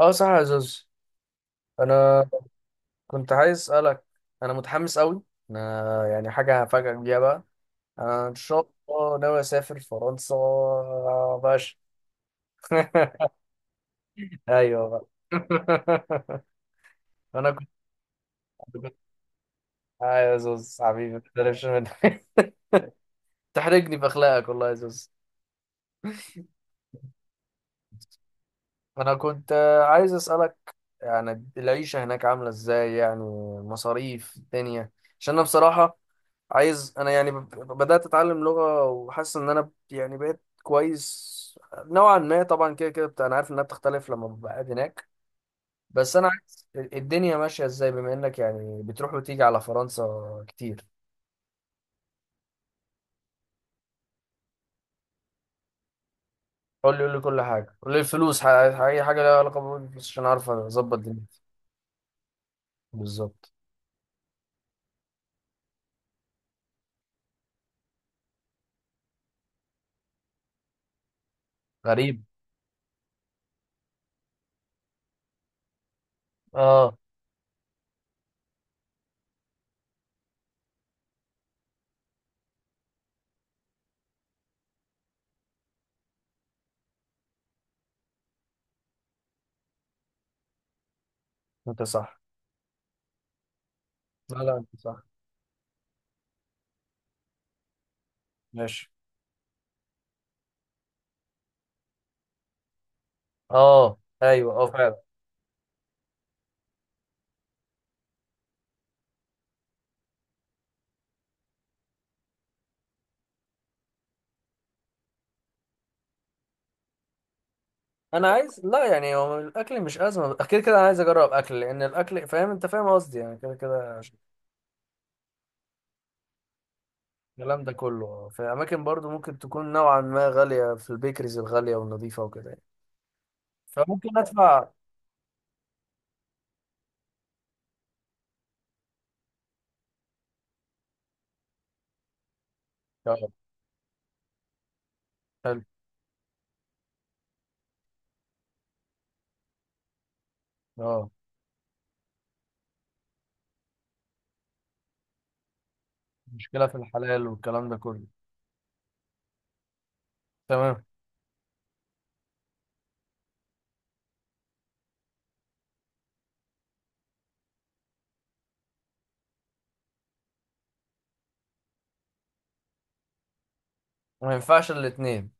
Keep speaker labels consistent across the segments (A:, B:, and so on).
A: اه، صح يا زوز. انا كنت عايز اسالك. انا متحمس قوي. انا يعني حاجه هفاجئك بيها بقى. انا ان شاء الله ناوي اسافر فرنسا. باش. ايوه بقى. انا كنت. اه يا زوز حبيبي، ما تقلقش منك. تحرجني باخلاقك والله يا زوز. انا كنت عايز اسالك، يعني العيشه هناك عامله ازاي يعني، مصاريف الدنيا، عشان انا بصراحه عايز، انا يعني بدأت اتعلم لغة وحاسس ان انا يعني بقيت كويس نوعا ما طبعا. كده كده انا عارف انها بتختلف لما ببقى قاعد هناك، بس انا عايز الدنيا ماشية ازاي، بما انك يعني بتروح وتيجي على فرنسا كتير. قول لي كل حاجة، قول لي الفلوس، اي حاجة لها علاقة بالفلوس عشان اعرف اظبط دنيتي. بالظبط. غريب. اه. انت صح. لا لا، انت صح. ماشي. اه، ايوه، اه فعلا. انا عايز، لا يعني هو الاكل مش ازمه اكيد، كده انا عايز اجرب اكل، لان الاكل، فاهم انت فاهم قصدي، يعني كده كده. الكلام ده كله في اماكن برضو ممكن تكون نوعا ما غاليه، في البيكريز الغاليه والنظيفه وكده يعني، فممكن ادفع. اه. حلو. اه، مشكله في الحلال والكلام ده كله. تمام. ما ينفعش الاثنين.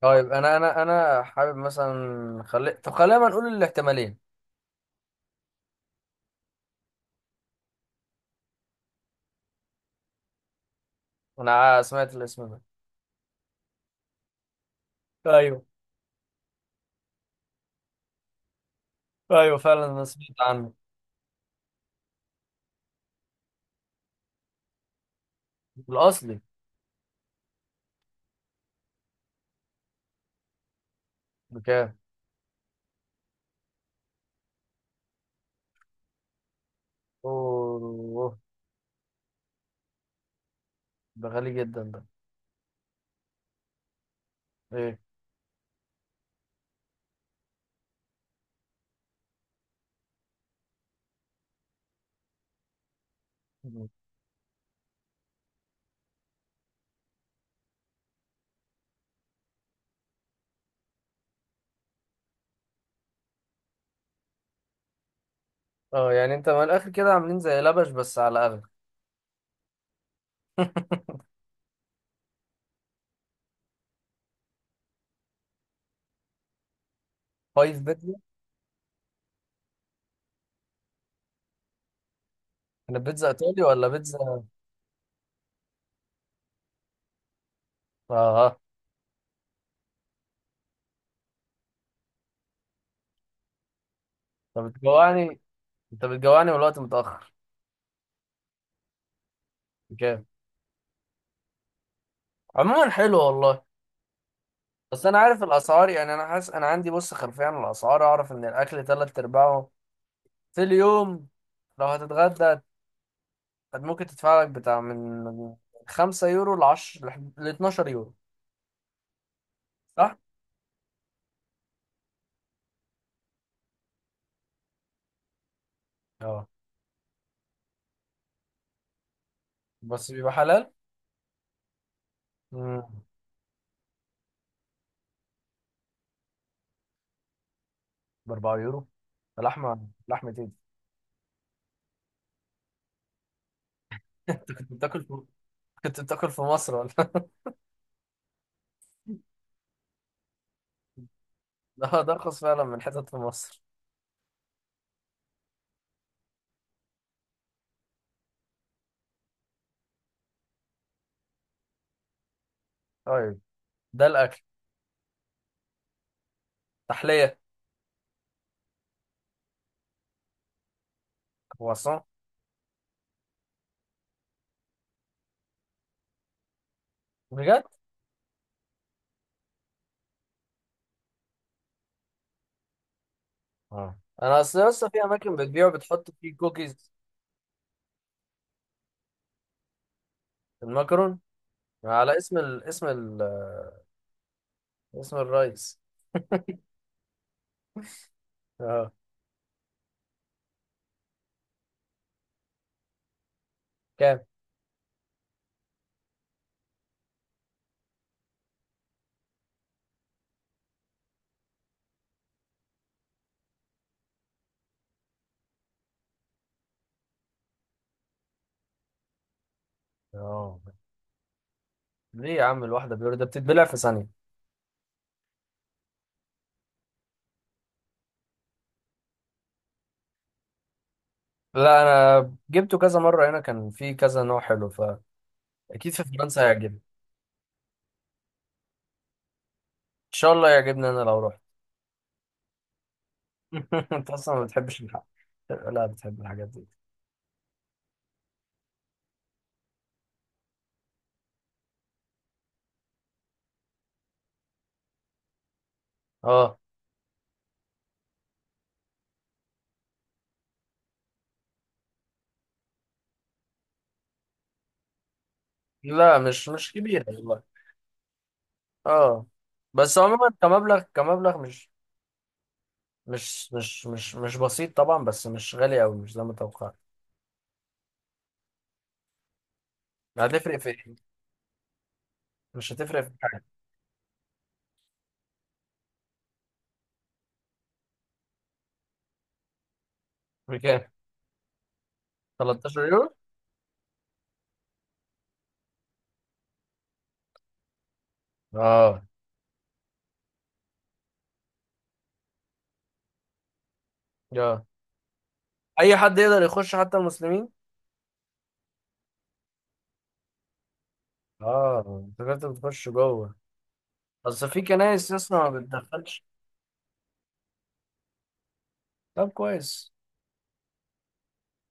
A: طيب انا، انا حابب مثلا، خلي، طب خلينا نقول الاحتمالين. انا سمعت الاسم ده. ايوه، ايوه فعلا انا سمعت عنه. الاصلي. بكام؟ اوه، ده غالي جدا ده. ايه؟ مم. اه، يعني انت من الاخر كده عاملين زي لبش بس على اغلى. فايف بيتزا. انا بيتزا ايطالي ولا بيتزا؟ اه. اه. طب بتجوعني، انت بتجوعني والوقت متاخر. بكام؟ عموما حلو والله. بس انا عارف الاسعار يعني، انا حاسس انا عندي بص خلفيه عن الاسعار، اعرف ان الاكل تلات ارباعه في اليوم، لو هتتغدى ممكن تدفع لك بتاع من 5 يورو ل 10 ل 12 يورو، صح؟ اه. بس بيبقى حلال؟ مم. ب 4 يورو. لحمه ايه دي؟ انت كنت بتاكل في، كنت بتاكل في مصر ولا؟ ده ارخص فعلا من حتت في مصر. طيب، ده الاكل. تحليه. كرواسون. بجد؟ اه انا اصل لسه في اماكن بتبيع بتحط فيه كوكيز. المكرون، على اسم ال... اسم ال... اسم الرئيس. اه. كام؟ اه. ليه يا عم؟ الواحده بيور ده بتتبلع في ثانيه. لا انا جبته كذا مره هنا، كان في كذا نوع حلو، فاكيد في فرنسا هيعجبني. ان شاء الله يعجبني انا لو رحت. انت اصلا ما بتحبش الحق، لا بتحب الحاجات دي. اه. لا، مش مش كبيرة والله. اه. بس عموما كمبلغ، كمبلغ، مش بسيط طبعا، بس مش غالي قوي، مش زي ما توقعت. هتفرق في ايه؟ مش هتفرق في حاجة. بكام؟ 13 يورو. اه. اه، اي حد يقدر يخش، حتى المسلمين. اه، انت كنت بتخش جوه؟ بس في كنايس اصلا ما بتدخلش. طب كويس.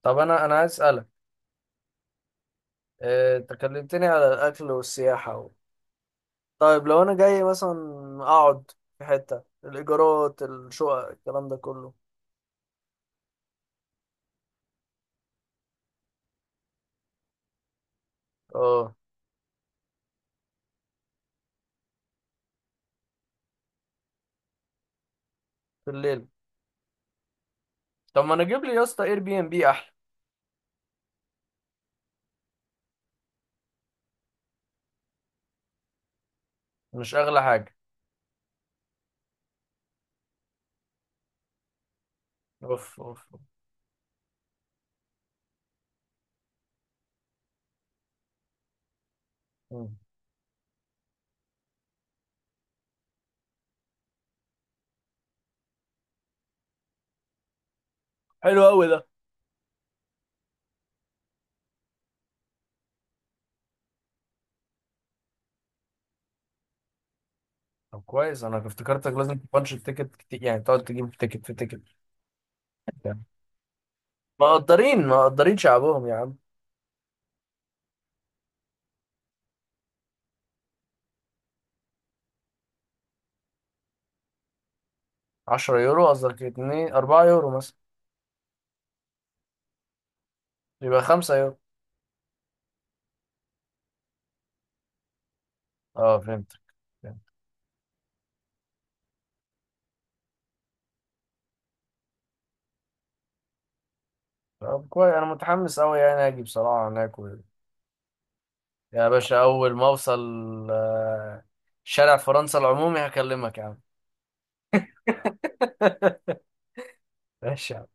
A: طب انا عايز اسالك، انت كلمتني على الاكل والسياحة. طيب لو انا جاي مثلا، اقعد، في حتة الايجارات، الشقق، الكلام ده كله. اه. في الليل. طب ما انا اجيب لي يا اسطى اير بي ام بي احلى. مش اغلى حاجه. اوف اوف. مم. حلو قوي ده. طب كويس، انا افتكرتك لازم تبانش التيكت كتير، يعني تقعد تجيب تيكت في تيكت. يعني، مقدرين مقدرين شعبهم يا عم. 10 يورو؟ قصدك 2، 4 يورو مثلا؟ يبقى خمسة يورو. اه فهمتك، فهمت. طب كويس، انا متحمس قوي يعني اجي بصراحه هناك. يا باشا، أول ما أوصل آه، شارع فرنسا العمومي هكلمك يا عم. ماشي.